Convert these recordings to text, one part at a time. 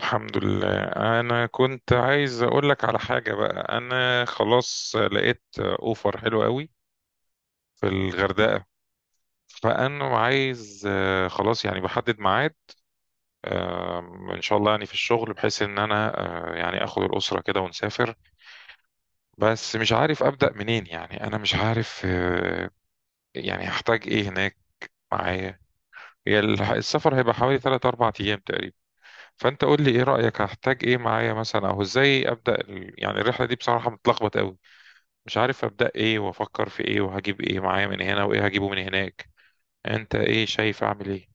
الحمد لله، انا كنت عايز اقول لك على حاجه بقى. انا خلاص لقيت اوفر حلو قوي في الغردقه. فانا عايز خلاص يعني بحدد ميعاد، آه، ان شاء الله يعني في الشغل، بحيث ان انا يعني اخد الاسره كده ونسافر. بس مش عارف ابدا منين، يعني انا مش عارف يعني هحتاج ايه هناك معايا. هي السفر هيبقى حوالي 3 4 ايام تقريبا. فانت قول لي ايه رايك، هحتاج ايه معايا مثلا، او ازاي ابدا يعني الرحله دي؟ بصراحه متلخبط قوي، مش عارف أبدأ إيه وأفكر في إيه وهجيب إيه معايا من هنا وإيه هجيبه من هناك. أنت إيه شايف أعمل إيه؟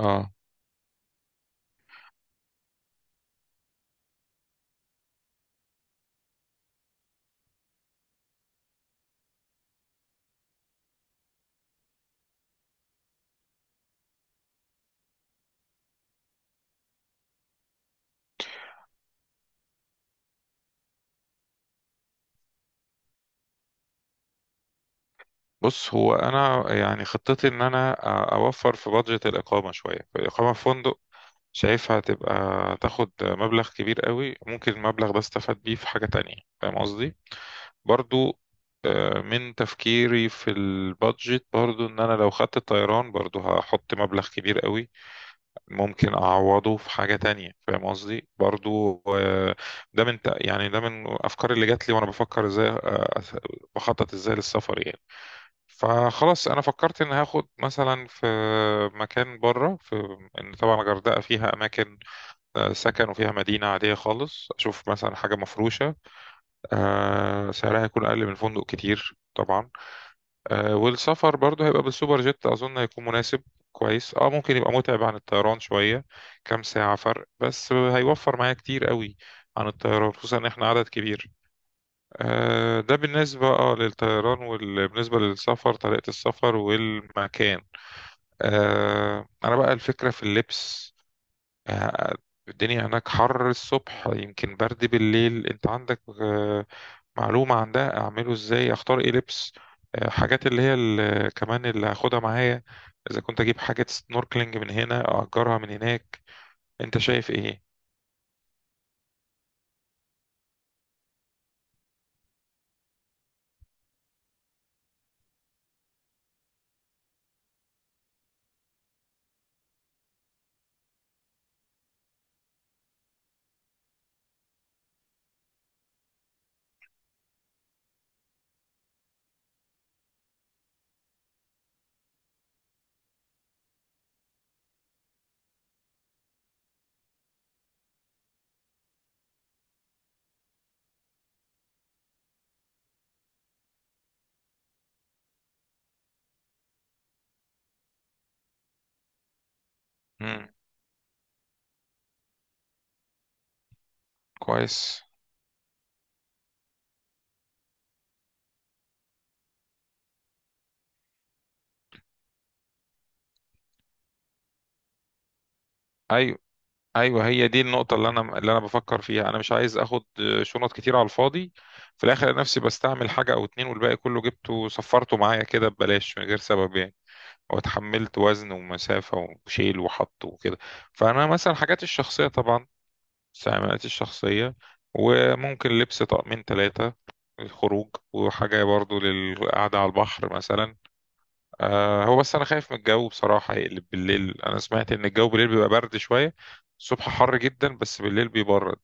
آه بص، هو أنا يعني خطتي إن أنا أوفر في بادجت الإقامة شوية. الإقامة في فندق شايفها هتبقى تاخد مبلغ كبير قوي، ممكن المبلغ ده استفاد بيه في حاجة تانية، فاهم قصدي؟ برضو من تفكيري في البادجت برضو، ان انا لو خدت الطيران برضو هحط مبلغ كبير قوي، ممكن اعوضه في حاجه تانية، فاهم قصدي؟ برضو ده من يعني ده من الافكار اللي جات لي وانا بفكر ازاي، بخطط ازاي للسفر يعني. فخلاص انا فكرت ان هاخد مثلا في مكان بره، في، ان طبعا الغردقه فيها اماكن سكن، وفيها مدينه عاديه خالص، اشوف مثلا حاجه مفروشه سعرها يكون اقل من فندق كتير طبعا. والسفر برضه هيبقى بالسوبر جيت، اظن هيكون مناسب كويس. اه، ممكن يبقى متعب عن الطيران شوية، كام ساعة فرق، بس هيوفر معايا كتير قوي عن الطيران، خصوصا ان احنا عدد كبير. ده بالنسبة اه للطيران. وبالنسبة للسفر، طريقة السفر والمكان، انا بقى الفكرة في اللبس. آه، الدنيا هناك حر الصبح، يمكن برد بالليل. انت عندك معلومة عن ده؟ اعمله ازاي، اختار ايه لبس؟ حاجات اللي هي كمان اللي هاخدها معايا، اذا كنت اجيب حاجة سنوركلينج من هنا، اجرها من هناك، انت شايف ايه؟ مم. كويس. ايوه. ايوه، هي دي النقطة اللي انا بفكر فيها. انا مش عايز اخد شنط كتير على الفاضي، في الاخر نفسي بستعمل حاجة او اتنين والباقي كله جبته صفرته معايا كده ببلاش من غير سبب يعني، واتحملت وزن ومسافة وشيل وحط وكده. فأنا مثلا، حاجاتي الشخصية طبعا، استعمالاتي الشخصية، وممكن لبس طقمين ثلاثة الخروج، وحاجة برضو للقعدة على البحر مثلا. هو بس أنا خايف من الجو بصراحة يقلب بالليل. أنا سمعت إن الجو بالليل بيبقى برد شوية، الصبح حر جدا بس بالليل بيبرد،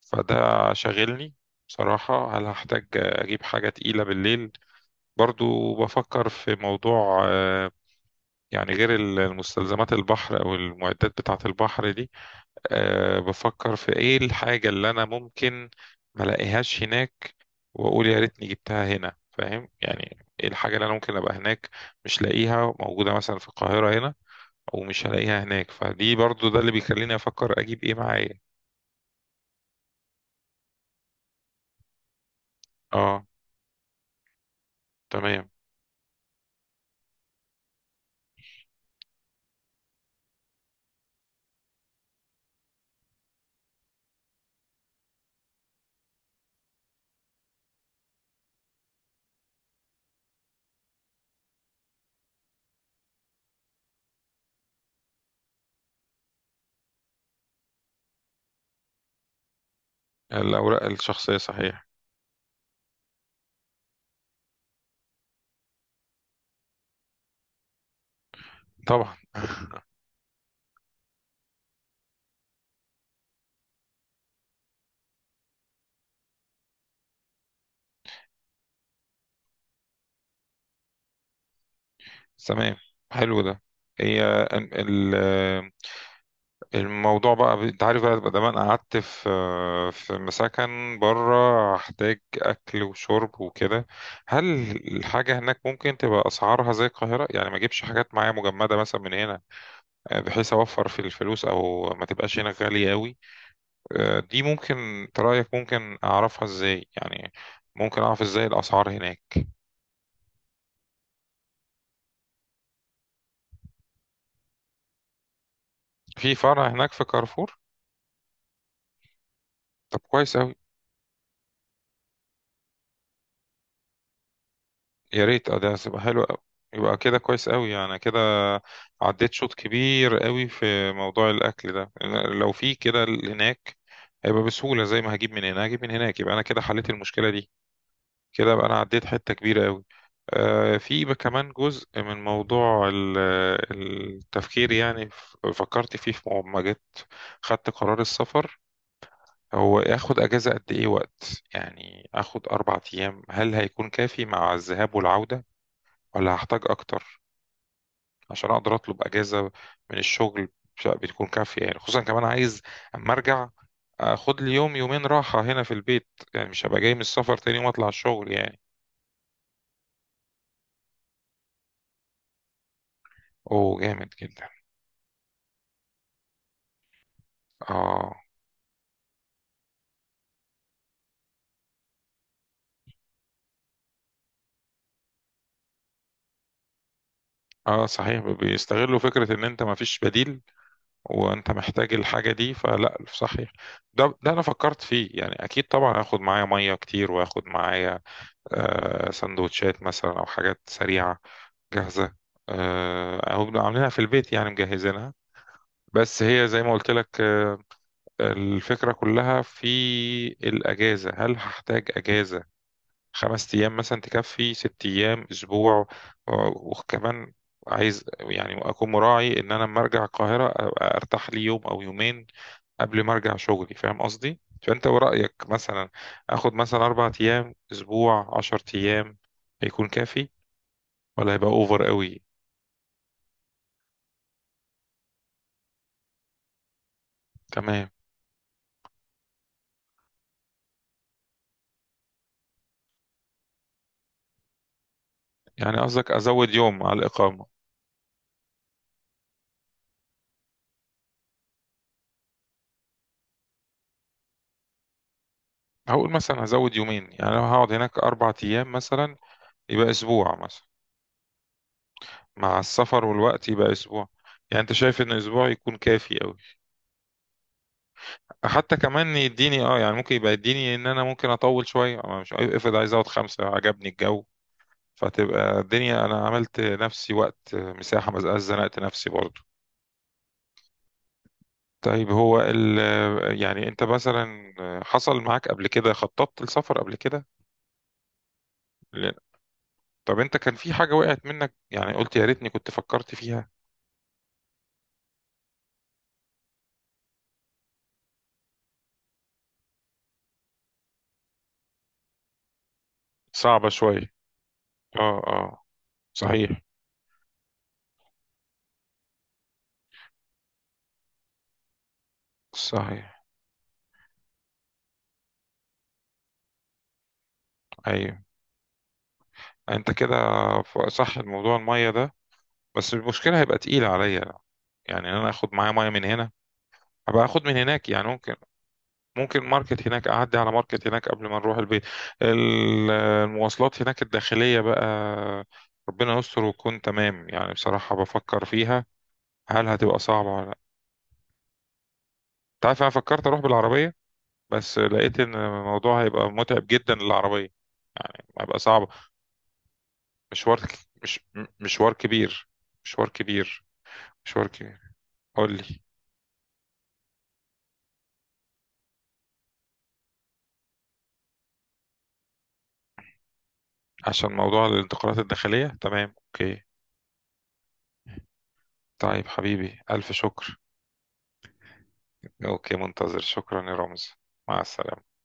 فده شاغلني بصراحة. هل هحتاج أجيب حاجة تقيلة بالليل؟ برضو بفكر في موضوع يعني غير المستلزمات البحر او المعدات بتاعة البحر دي. أه، بفكر في ايه الحاجة اللي انا ممكن ما الاقيهاش هناك واقول يا ريتني جبتها هنا، فاهم يعني؟ ايه الحاجة اللي انا ممكن ابقى هناك مش لاقيها، موجودة مثلا في القاهرة هنا، او مش هلاقيها هناك؟ فدي برضو ده اللي بيخليني افكر اجيب ايه معايا. اه. تمام، الاوراق الشخصية صحيح. طبعا. تمام، حلو ده. هي ال- الموضوع بقى، انت عارف بقى، ما انا قعدت في مسكن بره، هحتاج اكل وشرب وكده. هل الحاجه هناك ممكن تبقى اسعارها زي القاهره، يعني ما اجيبش حاجات معايا مجمده مثلا من هنا، بحيث اوفر في الفلوس، او ما تبقاش هنا غاليه قوي؟ دي ممكن انت رايك ممكن اعرفها ازاي يعني؟ ممكن اعرف ازاي الاسعار هناك؟ في فرع هناك في كارفور؟ طب كويس. يا ريت، اه ده هتبقى حلو قوي. يبقى كده كويس قوي يعني كده. عديت شوط كبير قوي في موضوع الاكل ده. لو في كده هناك هيبقى بسهوله، زي ما هجيب من هنا هجيب من هناك، يبقى انا كده حليت المشكله دي. كده بقى انا عديت حته كبيره قوي. في بقى كمان جزء من موضوع التفكير، يعني فكرت فيه في ما جيت خدت قرار السفر. هو اخد اجازه قد ايه وقت؟ يعني اخد اربع ايام، هل هيكون كافي مع الذهاب والعوده، ولا هحتاج اكتر عشان اقدر اطلب اجازه من الشغل؟ بتكون كافيه يعني، خصوصا كمان عايز اما ارجع اخد لي يوم يومين راحه هنا في البيت، يعني مش هبقى جاي من السفر تاني يوم اطلع الشغل يعني. اوه، جامد جدا. اه اه، صحيح، بيستغلوا فكره ان انت ما فيش بديل وانت محتاج الحاجه دي، فلا صحيح. ده انا فكرت فيه يعني، اكيد طبعا هاخد معايا ميه كتير، واخد معايا سندوتشات مثلا او حاجات سريعه جاهزة، أو بنبقى عاملينها في البيت يعني مجهزينها. بس هي زي ما قلت لك الفكرة كلها في الأجازة. هل هحتاج أجازة خمس أيام مثلا تكفي، ست أيام، أسبوع؟ وكمان عايز يعني أكون مراعي إن أنا لما أرجع القاهرة أبقى أرتاح لي يوم أو يومين قبل ما أرجع شغلي، فاهم قصدي؟ فأنت ورأيك مثلا، آخد مثلا أربع أيام، أسبوع، عشر أيام، هيكون كافي ولا هيبقى أوفر قوي؟ تمام. يعني قصدك ازود يوم على الاقامه؟ هقول مثلا ازود يومين، يعني لو هقعد هناك اربع ايام مثلا، يبقى اسبوع مثلا. مع السفر والوقت يبقى اسبوع، يعني انت شايف ان اسبوع يكون كافي قوي؟ حتى كمان يديني اه، يعني ممكن يبقى يديني ان انا ممكن اطول شويه، أما مش افرض، عايز اقعد خمسه عجبني الجو، فتبقى الدنيا انا عملت نفسي وقت مساحه ما بقاش زنقت نفسي برضو. طيب، هو ال، يعني انت مثلا، حصل معاك قبل كده خططت لسفر قبل كده؟ طب انت كان في حاجة وقعت منك يعني قلت يا ريتني كنت فكرت فيها؟ صعبة شوية. اه اه. صحيح. صحيح. ايوه. انت كده، صح، الموضوع المية ده، بس المشكلة هيبقى تقيلة عليا، يعني ان انا اخد معايا مية من هنا. هبقى اخد من هناك يعني، ممكن، ماركت هناك، اعدي على ماركت هناك قبل ما نروح البيت. المواصلات هناك الداخلية بقى، ربنا يستر وتكون تمام يعني، بصراحة بفكر فيها، هل هتبقى صعبة ولا لا؟ انت عارف انا فكرت اروح بالعربية، بس لقيت ان الموضوع هيبقى متعب جدا للعربية، يعني هيبقى صعب. مشوار. مش م- مشوار كبير. مشوار كبير. مشوار كبير. قول لي. عشان موضوع الانتقالات الداخلية، تمام، اوكي. طيب حبيبي، ألف شكر. اوكي، منتظر، شكرا يا رمز. مع السلامة.